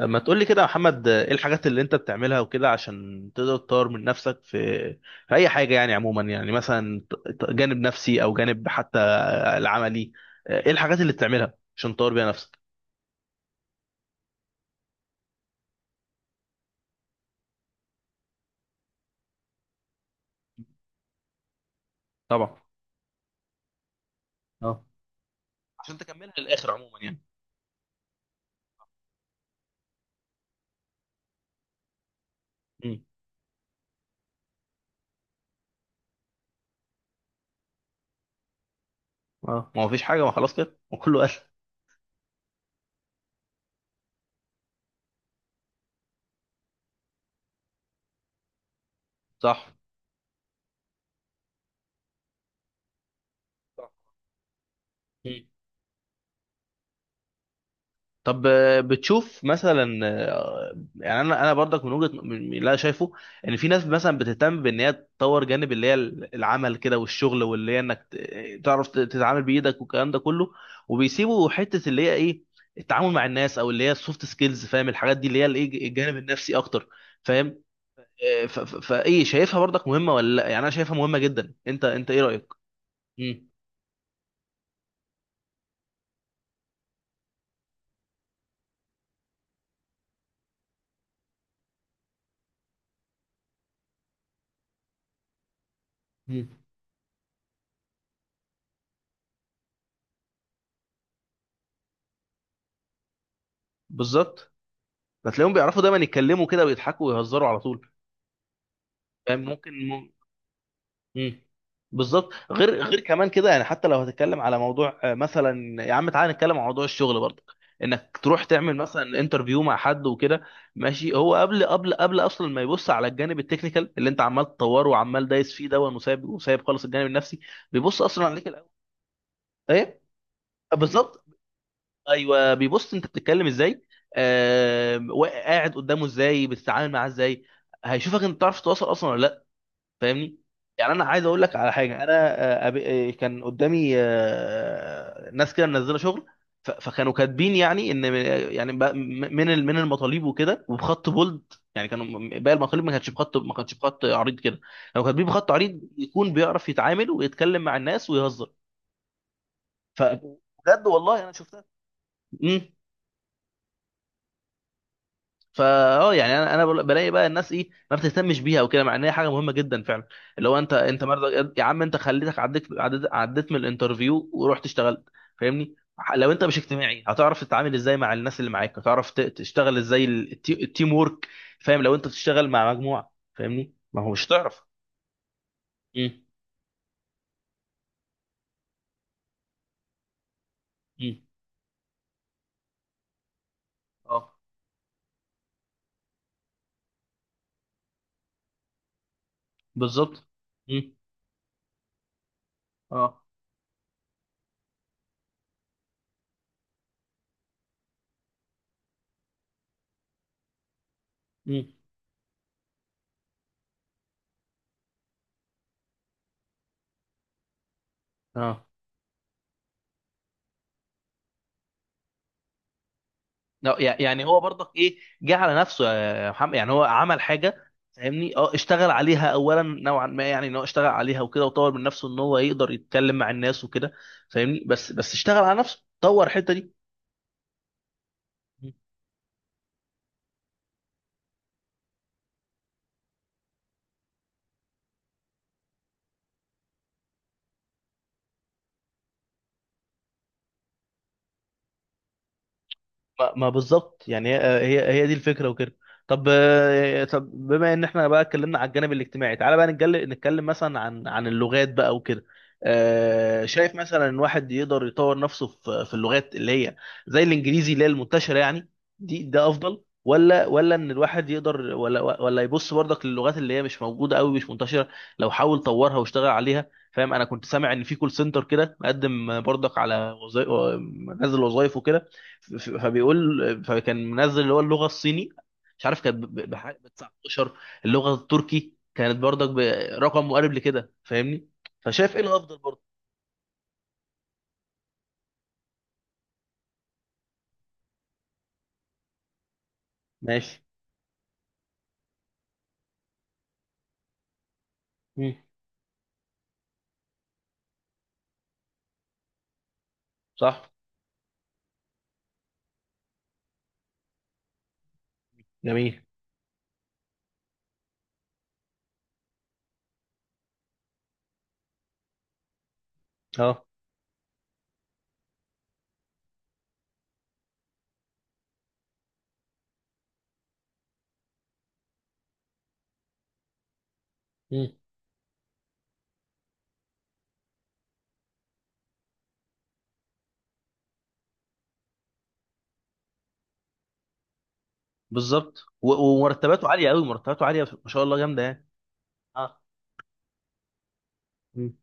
ما تقولي كده يا محمد، ايه الحاجات اللي انت بتعملها وكده عشان تقدر تطور من نفسك في اي حاجة؟ يعني عموما، يعني مثلا جانب نفسي او جانب حتى العملي. ايه الحاجات اللي بتعملها عشان تطور بيها نفسك؟ طبعا. اه. عشان تكملها للآخر عموما يعني. امم. اه، ما هو فيش حاجة، ما خلاص كده وكله قال. صح. مم. طب، بتشوف مثلا، يعني انا برضك من وجهه، من اللي انا شايفه ان في ناس مثلا بتهتم بان هي تطور جانب اللي هي العمل كده والشغل، واللي هي انك تتعامل بايدك والكلام ده كله، وبيسيبوا حته اللي هي ايه، التعامل مع الناس او اللي هي السوفت سكيلز، فاهم؟ الحاجات دي اللي هي الايه، الجانب النفسي اكتر. فاهم. فايه، شايفها برضك مهمه ولا لا؟ يعني انا شايفها مهمه جدا، انت ايه رايك؟ مم. مم. بالظبط، هتلاقيهم بيعرفوا دايما يتكلموا كده ويضحكوا ويهزروا على طول. فاهم ممكن. مم. بالظبط. غير كمان كده، يعني حتى لو هتتكلم على موضوع، مثلا يا عم تعالى نتكلم عن موضوع الشغل برضه، انك تروح تعمل مثلا انترفيو مع حد وكده. ماشي، هو قبل اصلا ما يبص على الجانب التكنيكال اللي انت عمال تطوره وعمال دايس فيه دون، وسايب وسايب خالص الجانب النفسي، بيبص اصلا عليك الاول. ايه. بالظبط. ايوه، بيبص انت بتتكلم ازاي، آه قاعد قدامه ازاي، بتتعامل معاه ازاي، هيشوفك انت بتعرف تتواصل اصلا ولا لا. فاهمني؟ يعني انا عايز اقول لك على حاجه، انا كان قدامي، ناس كده منزله شغل، فكانوا كاتبين يعني ان، يعني ب- من المطالب وكده وبخط بولد، يعني كانوا باقي المطالب، ما كانتش بخط عريض كده، لو كاتبين بخط عريض يكون بيعرف يتعامل ويتكلم مع الناس ويهزر، فبجد والله انا شفتها. فا اه، يعني بلاقي بقى الناس ايه، ما بتهتمش بيها وكده، مع ان هي حاجه مهمه جدا فعلا، اللي هو انت مرضى يا عم، انت خليتك عديت من الانترفيو ورحت اشتغلت. فاهمني؟ لو انت مش اجتماعي، هتعرف تتعامل ازاي مع الناس اللي معاك؟ هتعرف تشتغل ازاي التيم وورك؟ فاهم؟ لو انت بتشتغل مع مجموعه، فاهمني، ما هو مش هتعرف. امم. امم. اه، بالظبط. امم. اه. امم. اه. لا، يعني هو برضك ايه، جه على نفسه، يا محمد، يعني هو عمل حاجه. فاهمني؟ اه، اشتغل عليها اولا نوعا ما، يعني ان هو اشتغل عليها وكده، وطور من نفسه ان هو يقدر يتكلم مع الناس وكده. فاهمني؟ بس اشتغل على نفسه، طور الحته دي. ما بالظبط، يعني هي، هي دي الفكره وكده. طب، طب بما ان احنا بقى اتكلمنا على الجانب الاجتماعي، تعالى بقى نتكلم مثلا عن اللغات بقى وكده. شايف مثلا ان واحد يقدر يطور نفسه في اللغات اللي هي زي الانجليزي، اللي هي المنتشره يعني، دي ده افضل؟ ولا ان الواحد يقدر ولا يبص برضك للغات اللي هي مش موجوده قوي، مش منتشره، لو حاول طورها واشتغل عليها؟ فاهم؟ انا كنت سامع ان في كول سنتر كده مقدم برضك على وظائف، مجال الوظائف وكده، ف- ف- فبيقول فكان منزل اللي هو اللغه الصيني، مش عارف كانت ب 19، اللغه التركي كانت برضك برقم مقارب لكده. فاهمني؟ فشايف ايه الافضل برضه؟ ماشي. مم. صح. جميل. اه. مم. بالظبط. ومرتباته عاليه قوي، مرتباته عاليه ما شاء الله، جامده يعني. اه. مم.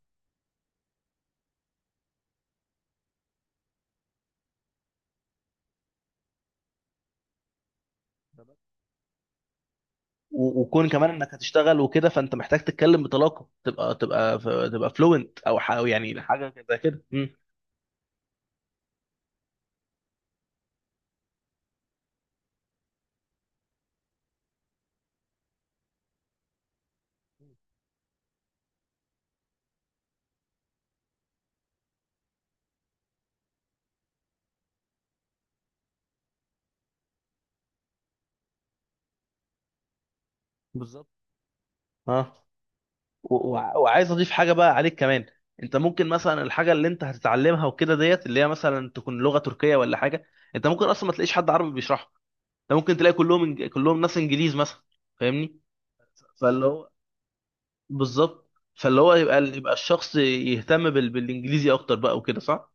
وكون كمان انك هتشتغل وكده، فانت محتاج تتكلم بطلاقه، تبقى تبقى فلوينت او أو يعني حاجه زي كده. مم. بالظبط. اه. وعايز اضيف حاجه بقى عليك كمان، انت ممكن مثلا الحاجه اللي انت هتتعلمها وكده ديت، اللي هي مثلا تكون لغه تركيه ولا حاجه، انت ممكن اصلا ما تلاقيش حد عربي بيشرحها، انت ممكن تلاقي كلهم إنج... كلهم ناس انجليز مثلا. فاهمني؟ فاللي هو بالظبط، فاللي هو يبقى، يبقى الشخص يهتم بال... بالانجليزي اكتر بقى وكده، صح؟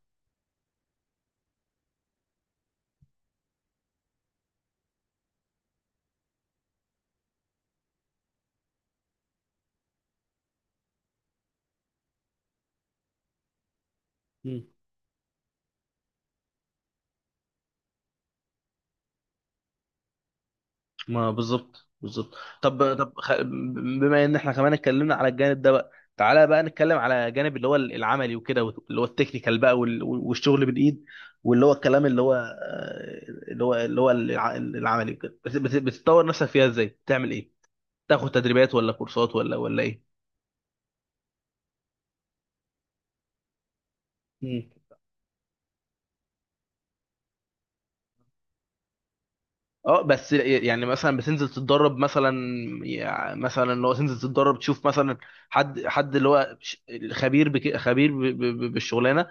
ما بالظبط. طب، بما ان احنا كمان اتكلمنا على الجانب ده بقى، تعالى بقى نتكلم على جانب اللي هو العملي وكده، اللي هو التكنيكال بقى وال... والشغل بالايد، واللي هو الكلام اللي هو، الع... العملي وكده، بتطور نفسك فيها ازاي؟ بتعمل ايه؟ تاخد تدريبات ولا كورسات ولا ايه؟ مم. اه، بس يعني مثلا بتنزل تتدرب مثلا، يعني مثلا اللي هو تنزل تتدرب تشوف مثلا، حد اللي هو خبير بك... خبير بالشغلانه،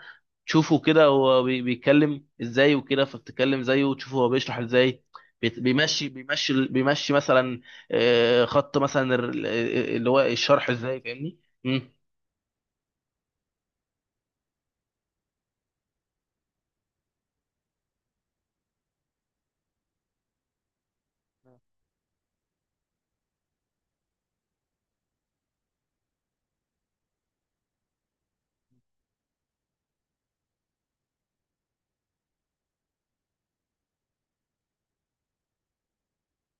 تشوفه كده هو بيتكلم ازاي وكده، فبتتكلم زيه وتشوفه هو بيشرح ازاي، بيمشي مثلا، خط مثلا اللي هو الشرح ازاي. فاهمني؟ مم.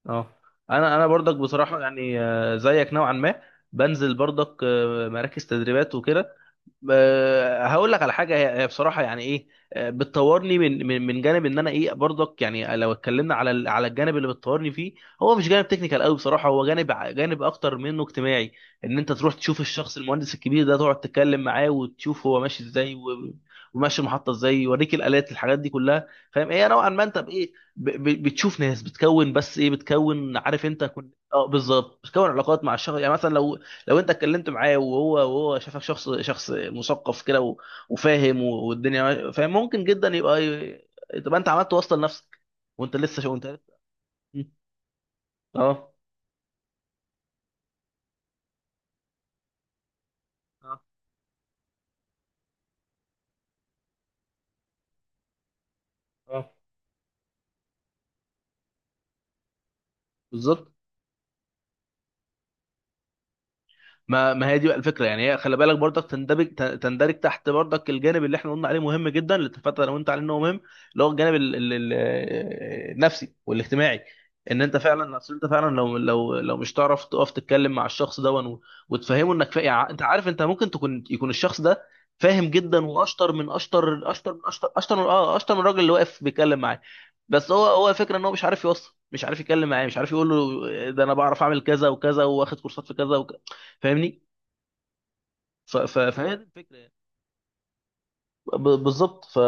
اه، انا برضك بصراحه، يعني زيك نوعا ما، بنزل برضك مراكز تدريبات وكده. هقول لك على حاجه، هي بصراحه يعني ايه، بتطورني من جانب ان انا ايه، برضك يعني، لو اتكلمنا على على الجانب اللي بتطورني فيه، هو مش جانب تكنيكال قوي بصراحه، هو جانب جانب اكتر منه اجتماعي. ان انت تروح تشوف الشخص المهندس الكبير ده، تقعد تتكلم معاه وتشوف هو ماشي ازاي، وماشي المحطه ازاي، يوريك الالات، الحاجات دي كلها. فاهم؟ ايه نوعا ما، انت بايه، بتشوف ناس بتكون بس ايه، بتكون عارف انت كن... اه بالظبط، بتكون علاقات مع الشخص، يعني مثلا لو انت اتكلمت معاه، وهو شافك شخص مثقف كده وفاهم، والدنيا ماشية، فاهم؟ ممكن جدا يبقى، تبقى انت عملت واسطه لنفسك وانت لسه شو انت. اه. اه. اه، بالظبط. ما هي دي بقى الفكره يعني، هي خلي بالك برضك تندرج، تندرج تحت برضك الجانب اللي احنا قلنا عليه مهم جدا، اللي اتفقت انا وانت عليه انه مهم، اللي هو الجانب النفسي والاجتماعي. ان انت فعلا، اصل انت فعلا لو لو مش تعرف تقف تتكلم مع الشخص ده وتفهمه انك فا... يعني انت عارف، انت ممكن تكون، يكون الشخص ده فاهم جدا، واشطر من اشطر اشطر من اشطر اشطر من اه اشطر من الراجل اللي واقف بيتكلم معاه، بس هو الفكره ان هو مش عارف يوصل، مش عارف يتكلم معاه، مش عارف يقول له، ده انا بعرف اعمل كذا وكذا، واخد كورسات في كذا وكذا. فاهمني؟ فهي دي الفكره يعني. بالظبط. ف...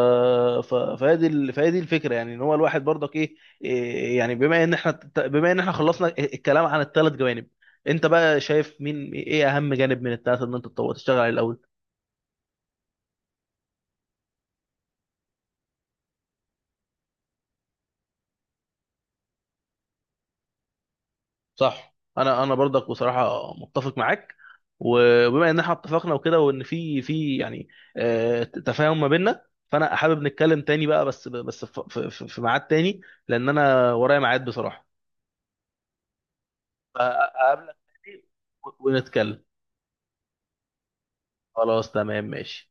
ف... فهي دي فهي دي الفكره يعني، ان هو الواحد برضك ايه، إيه يعني، بما ان احنا خلصنا الكلام عن الثلاث جوانب، انت بقى شايف مين، ايه اهم جانب من الثلاثه ان انت تطور تشتغل عليه الاول؟ صح. انا برضك بصراحه متفق معاك. وبما ان احنا اتفقنا وكده، وان في يعني تفاهم ما بيننا، فانا حابب نتكلم تاني بقى، بس في في ميعاد تاني، لان انا ورايا ميعاد بصراحه. فاقابلك تاني ونتكلم. خلاص، تمام، ماشي.